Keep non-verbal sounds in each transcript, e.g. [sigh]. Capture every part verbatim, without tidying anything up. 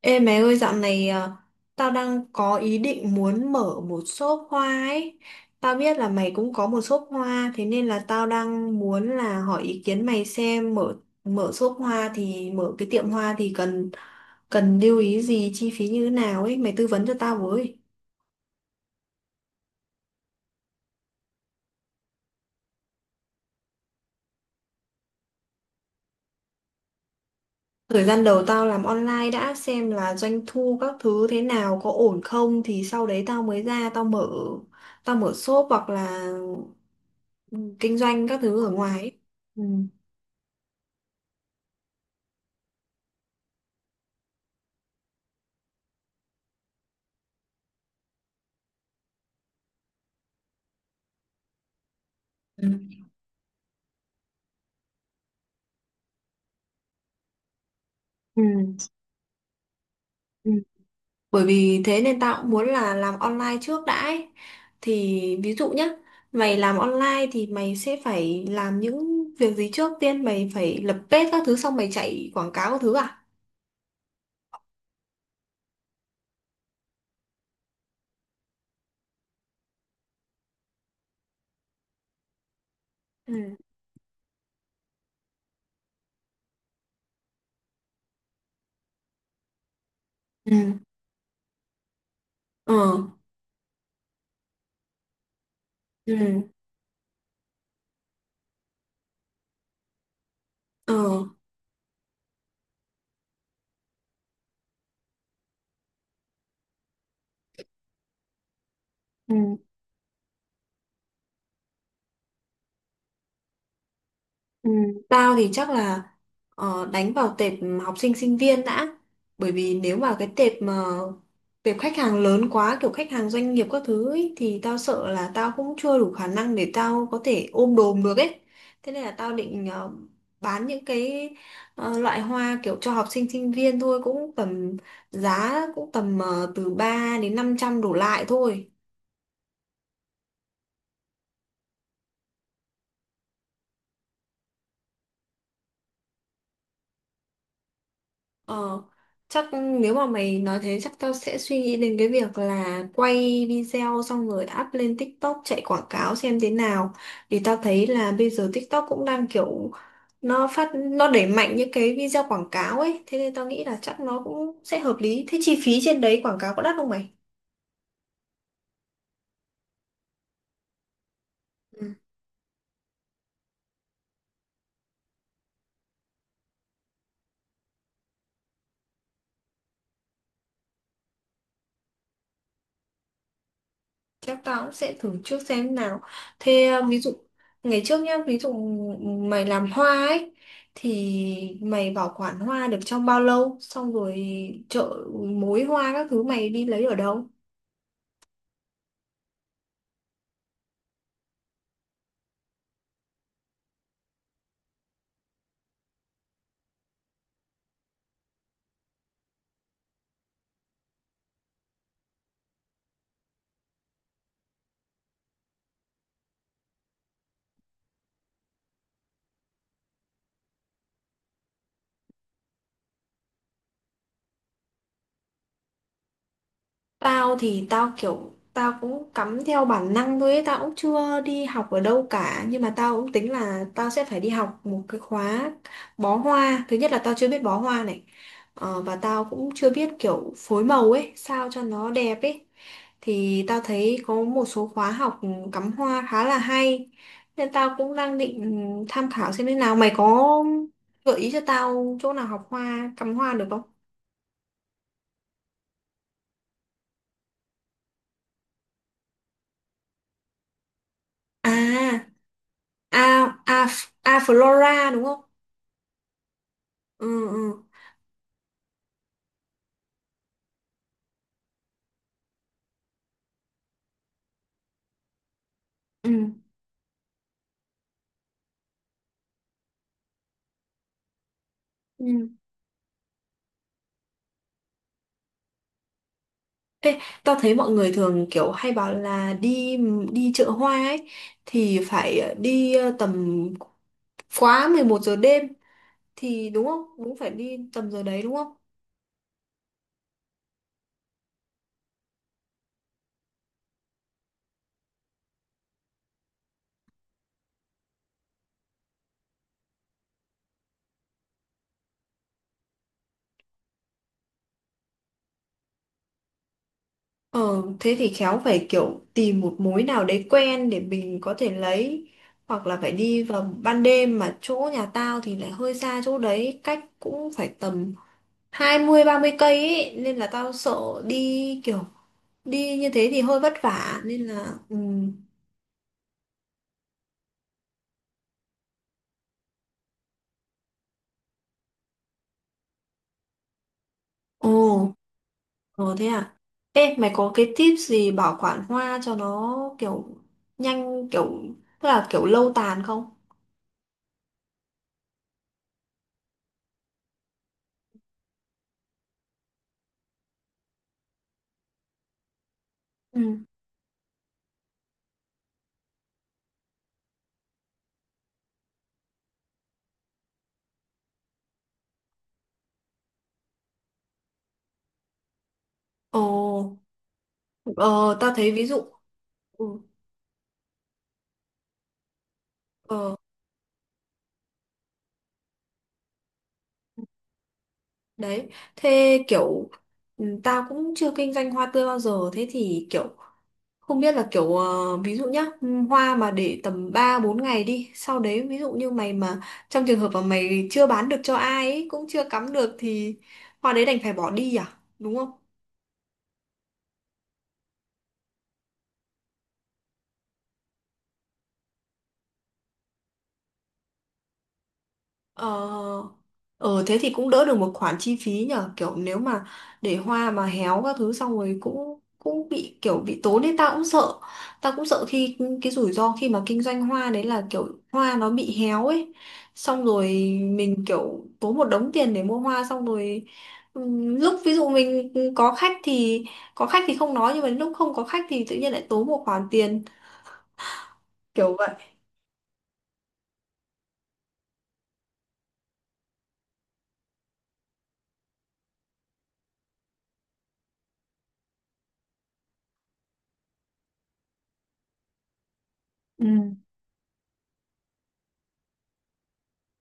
Ê mẹ ơi, dạo này à, tao đang có ý định muốn mở một shop hoa ấy. Tao biết là mày cũng có một shop hoa, thế nên là tao đang muốn là hỏi ý kiến mày xem mở mở shop hoa thì mở cái tiệm hoa thì cần cần lưu ý gì, chi phí như thế nào ấy, mày tư vấn cho tao với. Thời gian đầu tao làm online đã, xem là doanh thu các thứ thế nào, có ổn không thì sau đấy tao mới ra tao mở tao mở shop hoặc là kinh doanh các thứ ở ngoài ấy. Ừ. Ừ, ừ. Bởi vì thế nên tao cũng muốn là làm online trước đã ấy. Thì ví dụ nhá, mày làm online thì mày sẽ phải làm những việc gì trước tiên? Mày phải lập page các thứ xong mày chạy quảng cáo các thứ à? Ừ. Ừ. Ờ. Ừ. Ờ. Ừ. Ừ, tao thì chắc là ờ, đánh vào tệp học sinh sinh viên đã, bởi vì nếu mà cái tệp mà tệp khách hàng lớn quá, kiểu khách hàng doanh nghiệp các thứ ấy, thì tao sợ là tao cũng chưa đủ khả năng để tao có thể ôm đồm được ấy, thế nên là tao định ờ, bán những cái ờ, loại hoa kiểu cho học sinh sinh viên thôi, cũng tầm giá cũng tầm ờ, từ ba đến năm trăm đổ lại thôi. Ờ, chắc nếu mà mày nói thế chắc tao sẽ suy nghĩ đến cái việc là quay video xong rồi up lên TikTok chạy quảng cáo xem thế nào. Thì tao thấy là bây giờ TikTok cũng đang kiểu nó phát nó đẩy mạnh những cái video quảng cáo ấy, thế nên tao nghĩ là chắc nó cũng sẽ hợp lý. Thế chi phí trên đấy quảng cáo có đắt không mày? Ừ. Chắc tao cũng sẽ thử trước xem nào. Thế à, ví dụ ngày trước nhá, ví dụ mày làm hoa ấy thì mày bảo quản hoa được trong bao lâu? Xong rồi chợ, mối hoa các thứ mày đi lấy ở đâu? Tao thì tao kiểu tao cũng cắm theo bản năng thôi ấy, tao cũng chưa đi học ở đâu cả, nhưng mà tao cũng tính là tao sẽ phải đi học một cái khóa bó hoa. Thứ nhất là tao chưa biết bó hoa này, ờ, và tao cũng chưa biết kiểu phối màu ấy sao cho nó đẹp ấy. Thì tao thấy có một số khóa học cắm hoa khá là hay, nên tao cũng đang định tham khảo xem thế nào. Mày có gợi ý cho tao chỗ nào học hoa, cắm hoa được không? À a a a Flora đúng không? Ừ, ừ, ừ, ừ. Ê, tao thấy mọi người thường kiểu hay bảo là đi đi chợ hoa ấy thì phải đi ờ, tầm quá mười một giờ đêm thì đúng không, cũng phải đi tầm giờ đấy đúng không? Ờ thế thì khéo phải kiểu tìm một mối nào đấy quen để mình có thể lấy, hoặc là phải đi vào ban đêm. Mà chỗ nhà tao thì lại hơi xa chỗ đấy, cách cũng phải tầm hai mươi ba mươi cây ấy, nên là tao sợ đi kiểu đi như thế thì hơi vất vả nên là ừ. Ồ. Ồ, thế à. Ê, mày có cái tip gì bảo quản hoa cho nó kiểu nhanh, kiểu tức là kiểu lâu tàn không? Ừ. Ồ. ờ Tao thấy ví dụ ừ, ờ đấy, thế kiểu ừ, tao cũng chưa kinh doanh hoa tươi bao giờ, thế thì kiểu không biết là kiểu ờ, ví dụ nhá, ừm, hoa mà để tầm ba bốn ngày đi, sau đấy ví dụ như mày mà trong trường hợp mà mày chưa bán được cho ai ấy, cũng chưa cắm được thì hoa đấy đành phải bỏ đi à, đúng không? Ờ. Ờ, thế thì cũng đỡ được một khoản chi phí nhở, kiểu nếu mà để hoa mà héo các thứ xong rồi cũng cũng bị kiểu bị tốn đấy. Ta cũng sợ ta cũng sợ khi cái rủi ro khi mà kinh doanh hoa đấy là kiểu hoa nó bị héo ấy, xong rồi mình kiểu tốn một đống tiền để mua hoa xong rồi ừm, lúc ví dụ mình có khách thì có khách thì không nói, nhưng mà lúc không có khách thì tự nhiên lại tốn một khoản tiền, kiểu vậy. Ừ.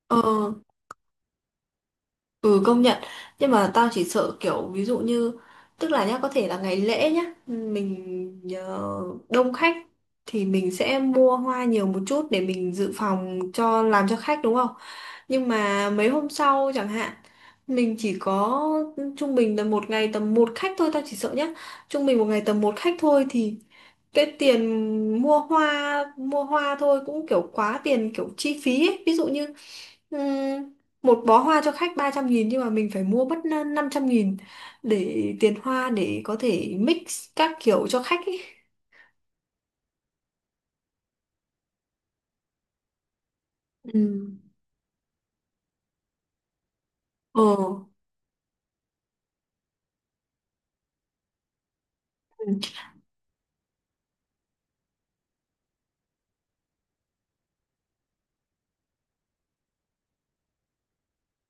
Ờ. Ừ, công nhận. Nhưng mà tao chỉ sợ kiểu ví dụ như, tức là nhá, có thể là ngày lễ nhá, mình ờ, đông khách thì mình sẽ mua hoa nhiều một chút để mình dự phòng cho làm cho khách đúng không. Nhưng mà mấy hôm sau chẳng hạn, mình chỉ có trung bình là một ngày tầm một khách thôi. Tao chỉ sợ nhá, trung bình một ngày tầm một khách thôi thì cái tiền mua hoa Mua hoa thôi cũng kiểu quá tiền, kiểu chi phí ấy. Ví dụ như một bó hoa cho khách ba trăm nghìn nhưng mà mình phải mua mất năm trăm nghìn để tiền hoa để có thể mix các kiểu cho khách ấy. Ừ. Ờ,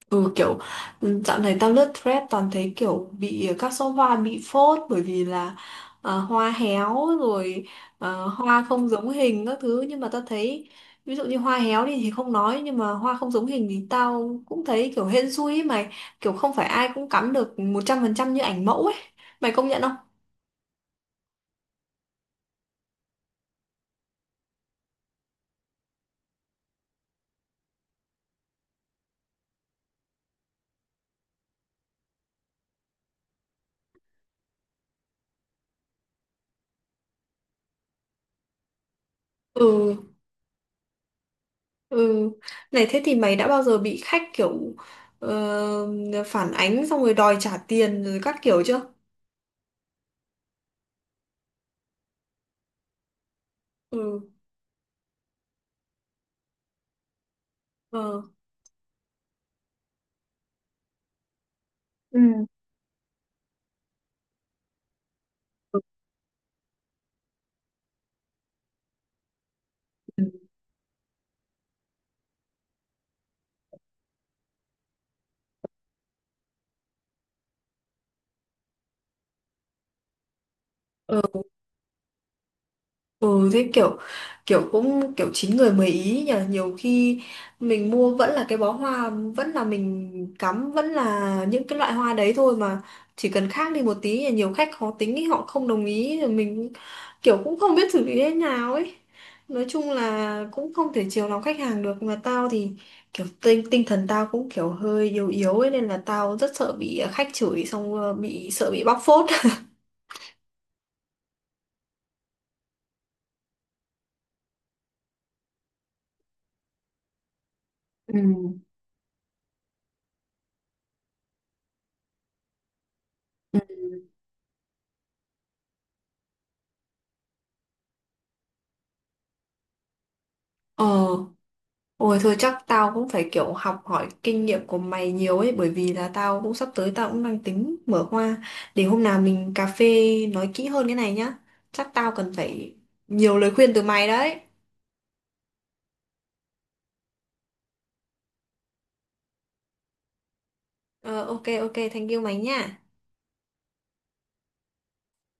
ừ, kiểu ừ, dạo này tao lướt Thread toàn thấy kiểu bị các số hoa bị phốt, bởi vì là ờ, hoa héo rồi ờ, hoa không giống hình các thứ. Nhưng mà tao thấy ví dụ như hoa héo đi thì không nói, nhưng mà hoa không giống hình thì tao cũng thấy kiểu hên xui ấy mày, kiểu không phải ai cũng cắm được một trăm phần trăm như ảnh mẫu ấy, mày công nhận không? Ừ, ừ. Này thế thì mày đã bao giờ bị khách kiểu ờ, phản ánh xong rồi đòi trả tiền rồi các kiểu chưa? Ừ, ờ. Ừ. Ừ, thế kiểu kiểu cũng kiểu chín người mười ý nhỉ. Nhiều khi mình mua vẫn là cái bó hoa, vẫn là mình cắm, vẫn là những cái loại hoa đấy thôi, mà chỉ cần khác đi một tí là nhiều khách khó tính ý, họ không đồng ý rồi mình kiểu cũng không biết xử lý thế nào ấy. Nói chung là cũng không thể chiều lòng khách hàng được, mà tao thì kiểu tinh tinh thần tao cũng kiểu hơi yếu yếu ấy, nên là tao rất sợ bị khách chửi, xong ờ, bị sợ bị bóc phốt. [laughs] Ừ. Ừ. Ờ. Ôi thôi, chắc tao cũng phải kiểu học hỏi kinh nghiệm của mày nhiều ấy, bởi vì là tao cũng sắp tới tao cũng đang tính mở hoa. Để hôm nào mình cà phê nói kỹ hơn cái này nhá. Chắc tao cần phải nhiều lời khuyên từ mày đấy. Ờ, ok ok, thank you mày nha.